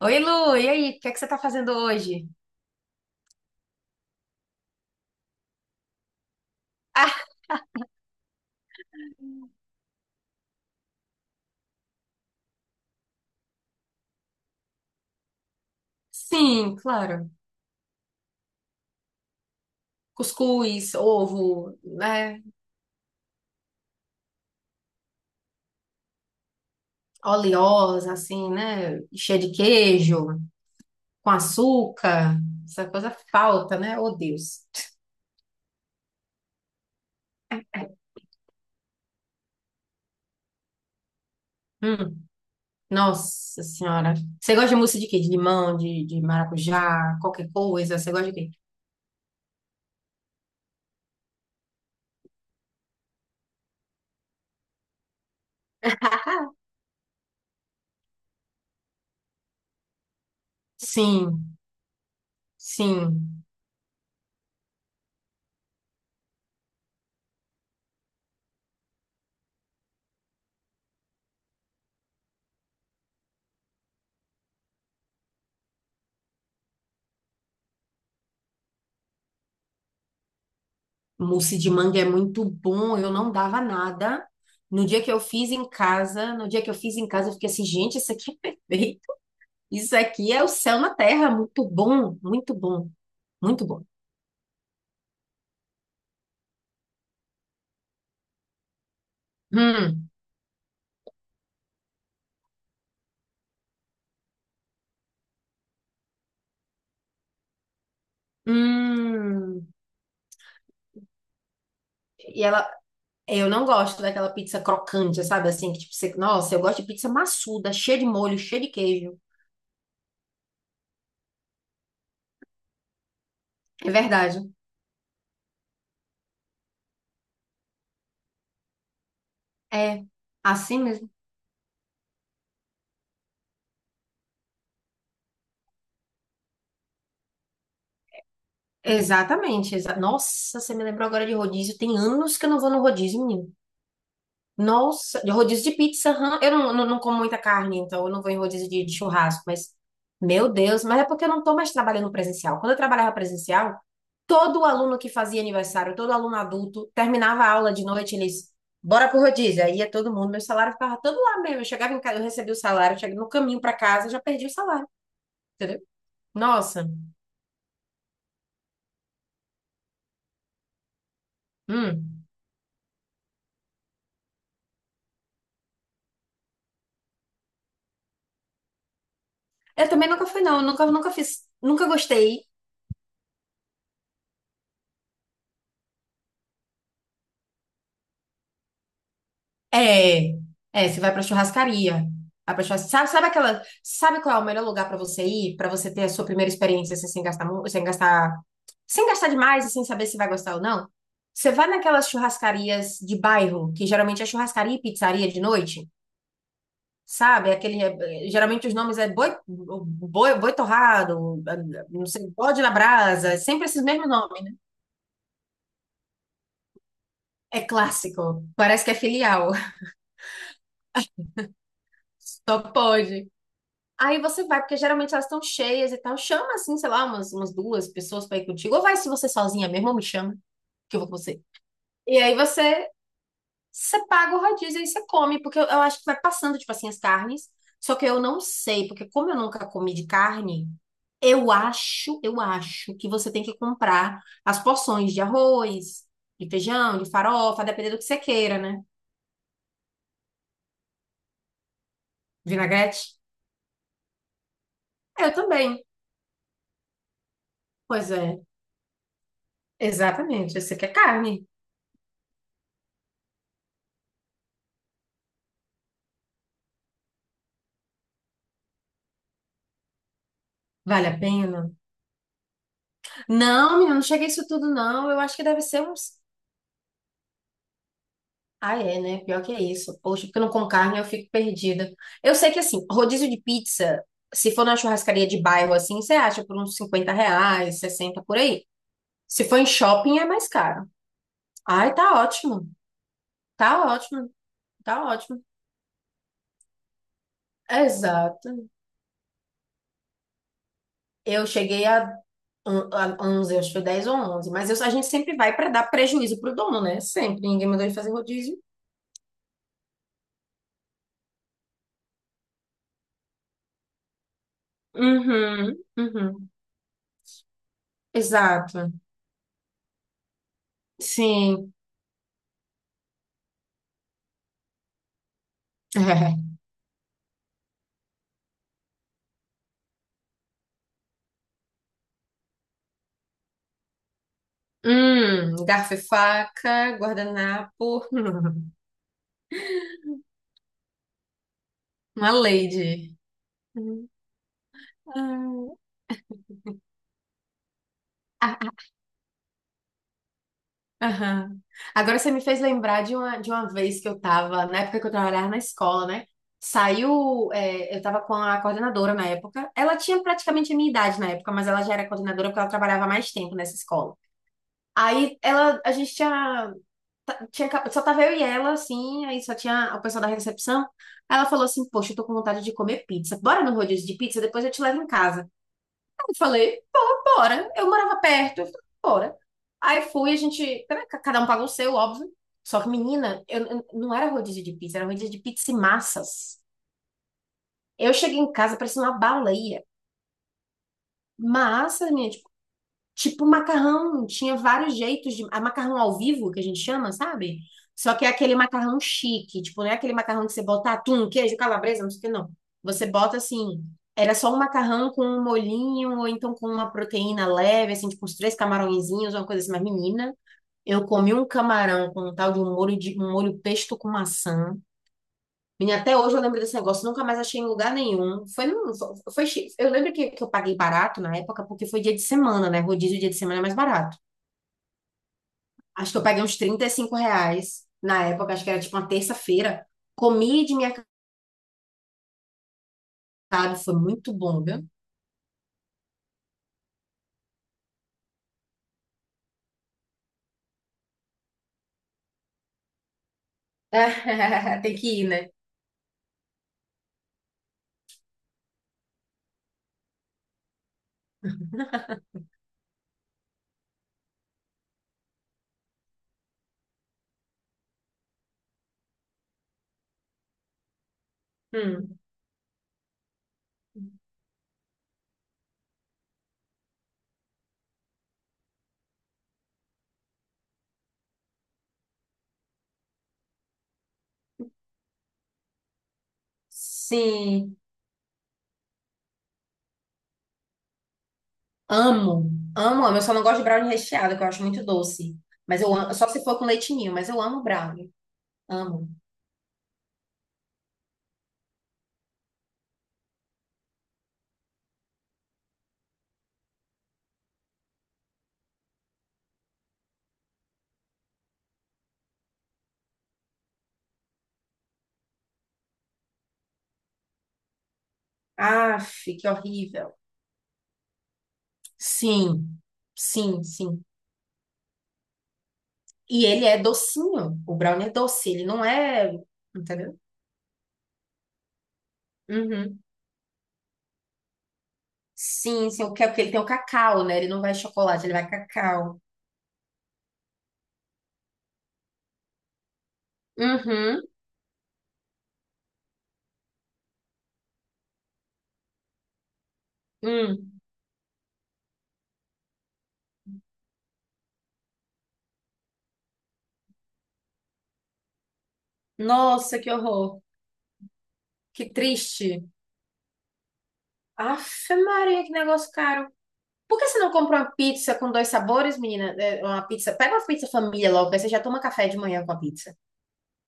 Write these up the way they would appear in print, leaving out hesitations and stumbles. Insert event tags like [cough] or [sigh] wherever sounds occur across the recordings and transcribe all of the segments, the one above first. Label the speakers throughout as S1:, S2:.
S1: Oi, Lu, e aí? O que é que você tá fazendo hoje? Ah, sim, claro. Cuscuz, ovo, né? Oleosa, assim, né? Cheia de queijo, com açúcar. Essa coisa falta, né? Oh, Deus. Hum, nossa senhora. Você gosta de mousse de quê? De limão, de maracujá, qualquer coisa? Você gosta de quê? Sim, sim. Mousse de manga é muito bom. Eu não dava nada. No dia que eu fiz em casa, no dia que eu fiz em casa, eu fiquei assim, gente, isso aqui é perfeito. Isso aqui é o céu na terra, muito bom, muito bom, muito bom. Hum, hum. E ela, eu não gosto daquela pizza crocante, sabe? Assim, que tipo, você, nossa, eu gosto de pizza maçuda, cheia de molho, cheia de queijo. É verdade. É, assim mesmo. Exatamente. Nossa, você me lembrou agora de rodízio. Tem anos que eu não vou no rodízio, menino. Nossa, de rodízio de pizza, aham. Eu não como muita carne, então eu não vou em rodízio de churrasco, mas, meu Deus, mas é porque eu não tô mais trabalhando presencial. Quando eu trabalhava presencial, todo aluno que fazia aniversário, todo aluno adulto, terminava a aula de noite, eles, bora pro rodízio. Aí ia todo mundo, meu salário ficava todo lá mesmo. Eu chegava em casa, eu recebia o salário, eu chegava no caminho pra casa, eu já perdi o salário, entendeu? Nossa, hum. Eu também nunca fui, não. Eu nunca fiz, nunca gostei. É, é, você vai pra churrascaria. Vai pra churras- Sabe, sabe aquela, sabe qual é o melhor lugar pra você ir, pra você ter a sua primeira experiência assim, sem gastar demais e sem saber se vai gostar ou não? Você vai naquelas churrascarias de bairro, que geralmente é churrascaria e pizzaria de noite, sabe? Aquele, geralmente os nomes é boi, boi, boi torrado, é, não sei, bode na brasa, sempre esses mesmos nomes. É clássico, parece que é filial, [laughs] só pode. Aí você vai, porque geralmente elas estão cheias e tal. Chama, assim, sei lá, umas duas pessoas pra ir contigo. Ou vai se você sozinha mesmo, ou me chama, que eu vou com você. E aí você, você paga o rodízio e você come, porque eu acho que vai passando, tipo assim, as carnes. Só que eu não sei, porque como eu nunca comi de carne, eu acho que você tem que comprar as porções de arroz, de feijão, de farofa, dependendo do que você queira, né? Vinagrete? Eu também. Pois é, exatamente. Você quer carne? Vale a pena? Não, menina, não cheguei isso tudo, não. Eu acho que deve ser uns. Ah, é, né? Pior que é isso. Poxa, porque eu não com carne eu fico perdida. Eu sei que, assim, rodízio de pizza, se for na churrascaria de bairro, assim, você acha por uns R$ 50, 60 por aí. Se for em shopping, é mais caro. Ai, tá ótimo. Tá ótimo. Tá ótimo. Exato. Eu cheguei a 11, acho que foi 10 ou 11. Mas eu- a gente sempre vai para dar prejuízo pro dono, né? Sempre. Ninguém mandou ele fazer rodízio. Uhum, uhum. Exato. Sim. [laughs] Garfo e faca, guardanapo. [laughs] Uma lady. Hum, ah, ah, aham. Agora você me fez lembrar de uma vez que eu tava, na época que eu trabalhava na escola, né? Saiu, é, eu tava com a coordenadora na época. Ela tinha praticamente a minha idade na época, mas ela já era coordenadora porque ela trabalhava mais tempo nessa escola. A gente tinha só tava eu e ela, assim, aí só tinha o pessoal da recepção. Aí ela falou assim, poxa, eu tô com vontade de comer pizza. Bora no rodízio de pizza, depois eu te levo em casa. Aí eu falei, pô, bora. Eu morava perto, eu falei, bora. Aí fui, a gente, né, ca- cada um pagou o seu, óbvio. Só que, menina, não era rodízio de pizza, era um rodízio de pizza e massas. Eu cheguei em casa, parecia uma baleia. Massas, minha. Tipo macarrão, tinha vários jeitos de. A macarrão ao vivo, que a gente chama, sabe? Só que é aquele macarrão chique, tipo, não é aquele macarrão que você bota atum, queijo, calabresa, não sei o que, não. Você bota assim, era só um macarrão com um molhinho, ou então com uma proteína leve, assim, tipo, uns três camarõezinhos, uma coisa assim, mas menina. Eu comi um camarão com um tal de um molho pesto com maçã. Menina, até hoje eu lembro desse negócio, nunca mais achei em lugar nenhum. Foi, num- foi, foi chi- eu lembro que eu paguei barato na época, porque foi dia de semana, né? Rodízio dia de semana é mais barato. Acho que eu paguei uns R$ 35 na época, acho que era tipo uma terça-feira. Comi de minha casa, foi muito bom, viu? [laughs] Tem que ir, né? Hum. Sim, amo, amo, amo. Eu só não gosto de brownie recheado, que eu acho muito doce. Mas eu amo, só se for com leitinho, mas eu amo brownie, amo. Aff, que horrível. Sim, sim, sim. E ele é docinho. O brownie é doce, ele não é. Entendeu? Uhum. Sim, sim, o que é porque ele tem o cacau, né? Ele não vai chocolate, ele vai cacau. Uhum. Hum. Nossa, que horror. Que triste. Aff, Maria, que negócio caro. Por que você não compra uma pizza com dois sabores, menina? É, uma pizza. Pega uma pizza família logo, aí você já toma café de manhã com a pizza.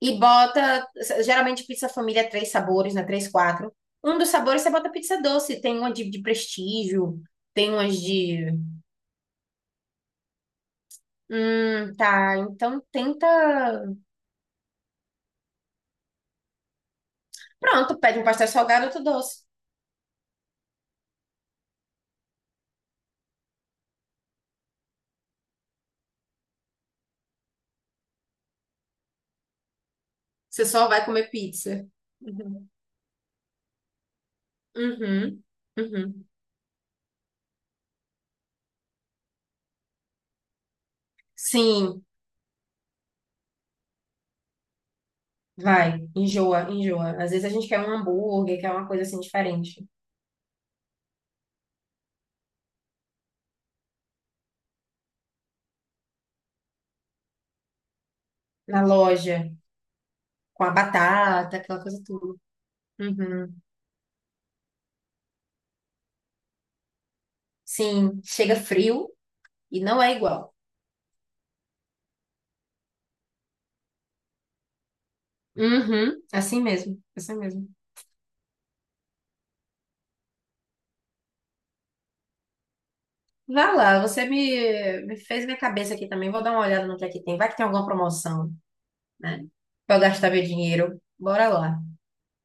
S1: E bota, geralmente pizza família é três sabores, né? Três, quatro. Um dos sabores você bota pizza doce, tem uma de prestígio, tem umas de. Tá. Então tenta. Pronto, pede um pastel salgado, outro doce. Você só vai comer pizza. Uhum. Uhum. Uhum. Sim, vai. Enjoa, enjoa. Às vezes a gente quer um hambúrguer, quer uma coisa assim diferente. Na loja, com a batata, aquela coisa tudo. Uhum. Sim, chega frio e não é igual. Uhum, assim mesmo, assim mesmo. Vai lá, você me fez minha cabeça aqui também. Vou dar uma olhada no que é que tem. Vai que tem alguma promoção, né? Pra eu gastar meu dinheiro. Bora lá.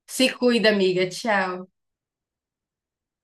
S1: Se cuida, amiga. Tchau.